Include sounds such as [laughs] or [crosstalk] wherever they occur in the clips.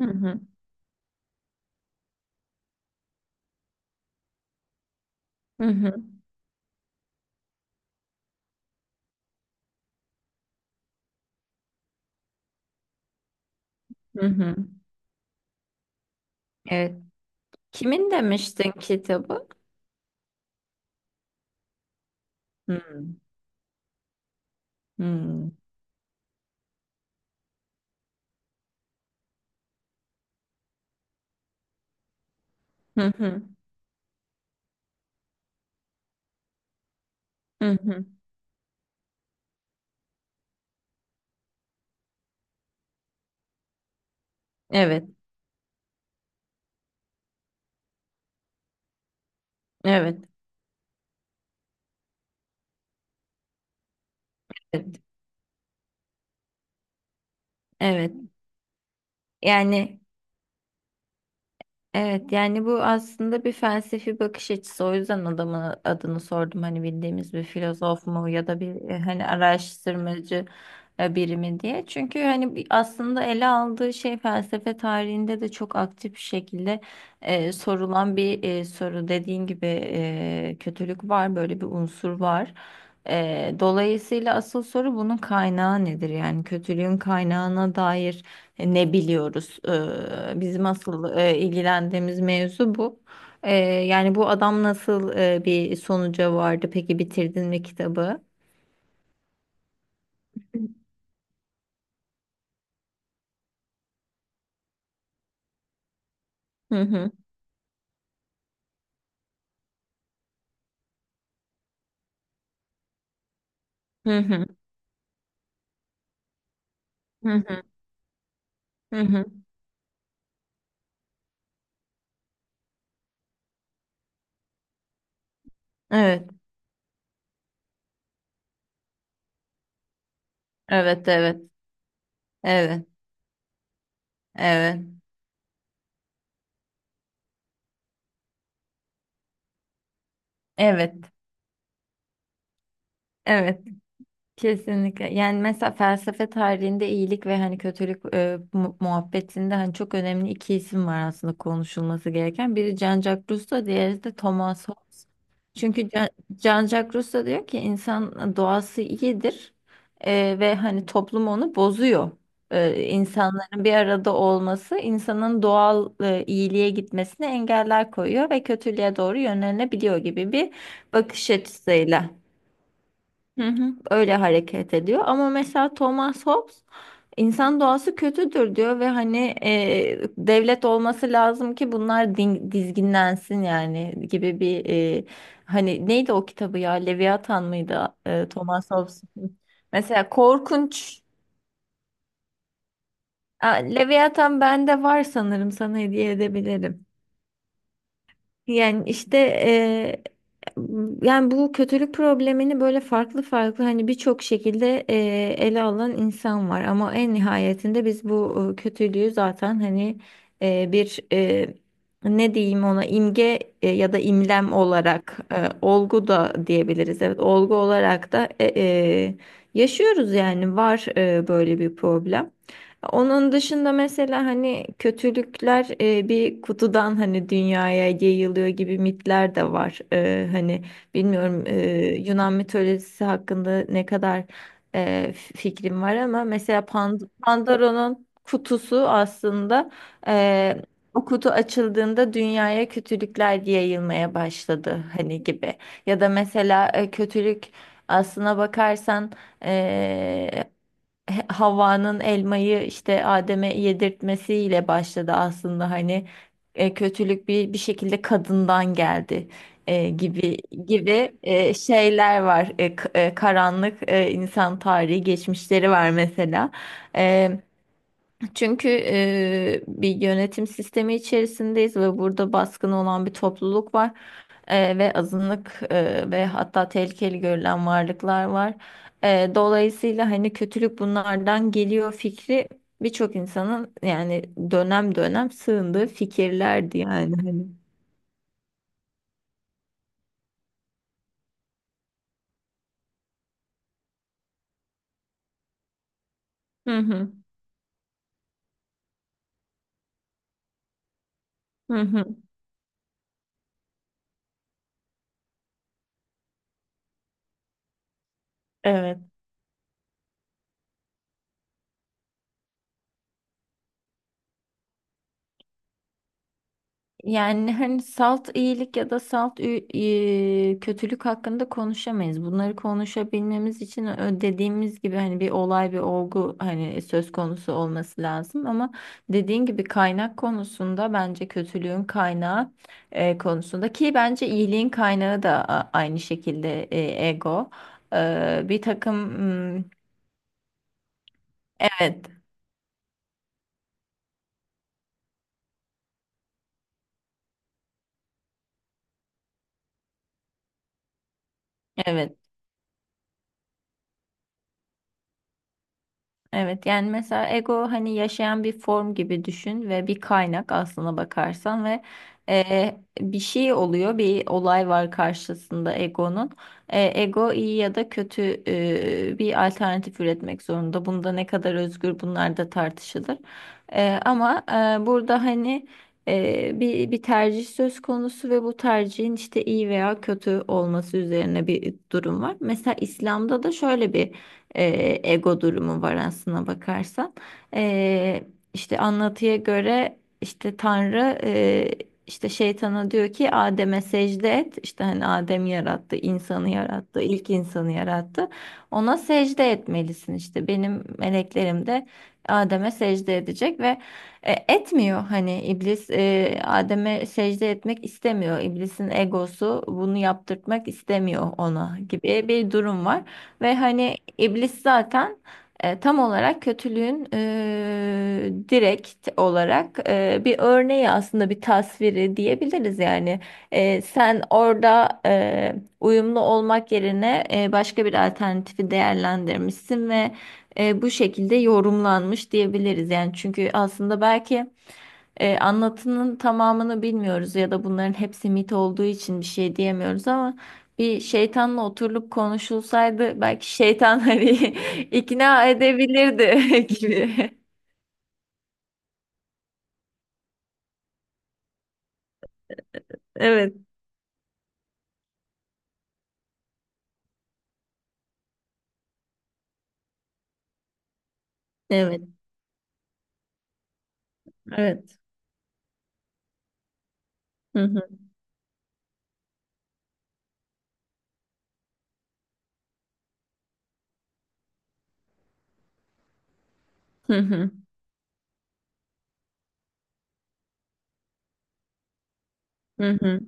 Hı hı. Hı hı. Hı hı. Evet. Kimin demiştin kitabı? Hı. Hı. Hı hı. Hı hı. Evet. Evet. Evet. Evet. Yani Evet yani bu aslında bir felsefi bakış açısı. O yüzden adamın adını sordum. Hani bildiğimiz bir filozof mu ya da bir hani araştırmacı biri mi diye. Çünkü hani aslında ele aldığı şey felsefe tarihinde de çok aktif bir şekilde sorulan bir soru. Dediğin gibi kötülük var, böyle bir unsur var. Dolayısıyla asıl soru bunun kaynağı nedir? Yani kötülüğün kaynağına dair ne biliyoruz. Bizim asıl ilgilendiğimiz mevzu bu. Yani bu adam nasıl bir sonuca vardı? Peki bitirdin mi kitabı? Hı hı. Hı hı. Hı hı. Hı hı. Evet. Evet, evet. Evet. Evet. Evet. Evet. Kesinlikle. Yani mesela felsefe tarihinde iyilik ve hani kötülük muhabbetinde hani çok önemli iki isim var aslında konuşulması gereken. Biri Jean-Jacques Rousseau, diğeri de Thomas Hobbes. Çünkü Jean-Jacques Rousseau diyor ki insan doğası iyidir ve hani toplum onu bozuyor. E, insanların bir arada olması insanın doğal iyiliğe gitmesine engeller koyuyor ve kötülüğe doğru yönlenebiliyor gibi bir bakış açısıyla. Hı hı, öyle hareket ediyor ama mesela Thomas Hobbes insan doğası kötüdür diyor ve hani devlet olması lazım ki bunlar dizginlensin yani gibi bir hani neydi o kitabı ya Leviathan mıydı Thomas Hobbes'in mesela korkunç. Aa, Leviathan bende var sanırım sana hediye edebilirim. Yani işte yani bu kötülük problemini böyle farklı farklı hani birçok şekilde ele alan insan var ama en nihayetinde biz bu kötülüğü zaten hani bir ne diyeyim ona imge ya da imlem olarak olgu da diyebiliriz. Evet olgu olarak da yaşıyoruz yani var böyle bir problem. Onun dışında mesela hani kötülükler bir kutudan hani dünyaya yayılıyor gibi mitler de var. Hani bilmiyorum Yunan mitolojisi hakkında ne kadar fikrim var ama mesela Pandora'nın kutusu aslında e, o kutu açıldığında dünyaya kötülükler yayılmaya başladı hani gibi. Ya da mesela kötülük aslına bakarsan eee, Havva'nın elmayı işte Adem'e yedirtmesiyle başladı aslında hani kötülük bir şekilde kadından geldi gibi gibi şeyler var. Karanlık insan tarihi geçmişleri var mesela. E, çünkü bir yönetim sistemi içerisindeyiz ve burada baskın olan bir topluluk var. Ve azınlık, ve hatta tehlikeli görülen varlıklar var. Dolayısıyla hani kötülük bunlardan geliyor fikri birçok insanın yani dönem dönem sığındığı fikirlerdi yani hani. Hı hı. Hı hı. Evet. Yani hani salt iyilik ya da salt kötülük hakkında konuşamayız. Bunları konuşabilmemiz için dediğimiz gibi hani bir olay bir olgu hani söz konusu olması lazım ama dediğin gibi kaynak konusunda bence kötülüğün kaynağı konusunda ki bence iyiliğin kaynağı da aynı şekilde ego. Bir takım, evet. Evet. Evet yani mesela ego hani yaşayan bir form gibi düşün ve bir kaynak aslına bakarsan ve bir şey oluyor bir olay var karşısında egonun. Ego iyi ya da kötü bir alternatif üretmek zorunda. Bunda ne kadar özgür bunlar da tartışılır. Ama burada hani bir tercih söz konusu ve bu tercihin işte iyi veya kötü olması üzerine bir durum var. Mesela İslam'da da şöyle bir e, ego durumu var aslına bakarsan. E, işte anlatıya göre işte Tanrı işte şeytana diyor ki Adem'e secde et. İşte hani Adem yarattı, insanı yarattı, ilk insanı yarattı. Ona secde etmelisin işte. Benim meleklerim de Adem'e secde edecek ve etmiyor hani iblis Adem'e secde etmek istemiyor. İblisin egosu bunu yaptırtmak istemiyor ona gibi bir durum var. Ve hani iblis zaten tam olarak kötülüğün direkt olarak bir örneği aslında bir tasviri diyebiliriz yani. Sen orada uyumlu olmak yerine başka bir alternatifi değerlendirmişsin ve bu şekilde yorumlanmış diyebiliriz yani çünkü aslında belki anlatının tamamını bilmiyoruz ya da bunların hepsi mit olduğu için bir şey diyemiyoruz ama bir şeytanla oturulup konuşulsaydı belki şeytan hani [laughs] ikna edebilirdi [laughs] gibi. Evet, evet, evet. Hı hı, hı hı, hı hı,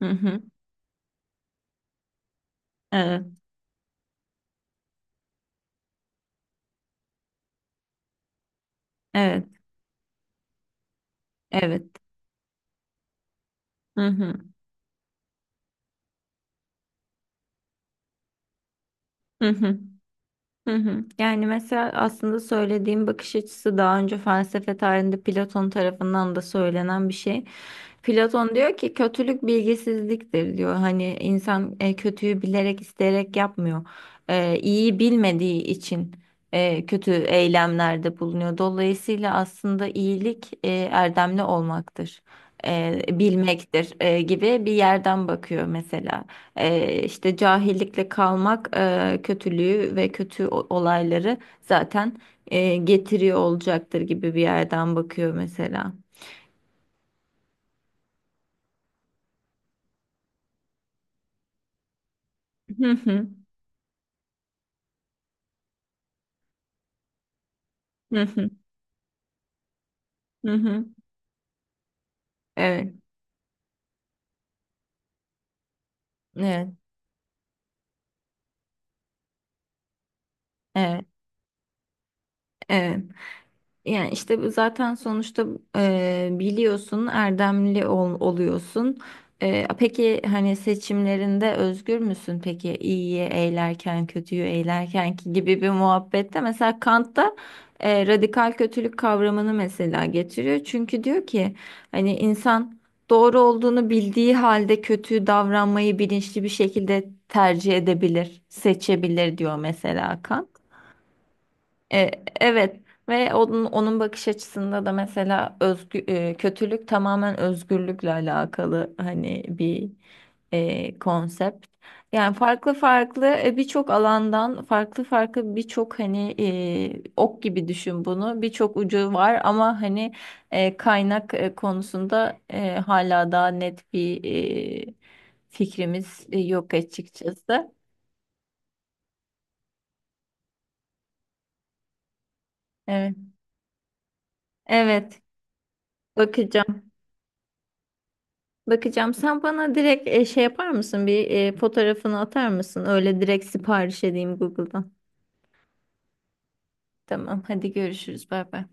hı hı. Evet, evet, evet. Hı hı, hı hı. Hı hı. Yani mesela aslında söylediğim bakış açısı daha önce felsefe tarihinde Platon tarafından da söylenen bir şey. Platon diyor ki kötülük bilgisizliktir diyor. Hani insan kötüyü bilerek isteyerek yapmıyor. E, iyiyi bilmediği için kötü eylemlerde bulunuyor. Dolayısıyla aslında iyilik erdemli olmaktır. Bilmektir gibi bir yerden bakıyor mesela. İşte cahillikle kalmak kötülüğü ve kötü olayları zaten getiriyor olacaktır gibi bir yerden bakıyor mesela. Hı hı, hı hı, hı hı. Evet, evet, evet, evet. Yani işte bu zaten sonuçta biliyorsun oluyorsun. Peki hani seçimlerinde özgür müsün? Peki iyiyi eğlerken kötüyü eğlerken ki gibi bir muhabbette mesela Kant'ta radikal kötülük kavramını mesela getiriyor. Çünkü diyor ki hani insan doğru olduğunu bildiği halde kötü davranmayı bilinçli bir şekilde tercih edebilir, seçebilir diyor mesela Kant. E, evet ve onun bakış açısında da mesela kötülük tamamen özgürlükle alakalı hani bir konsept. Yani farklı farklı birçok alandan farklı farklı birçok hani ok gibi düşün bunu birçok ucu var ama hani kaynak konusunda hala daha net bir e, fikrimiz yok açıkçası. Evet, evet, bakacağım. Bakacağım. Sen bana direkt şey yapar mısın? Bir fotoğrafını atar mısın? Öyle direkt sipariş edeyim Google'dan. Tamam, hadi görüşürüz. Bay bay.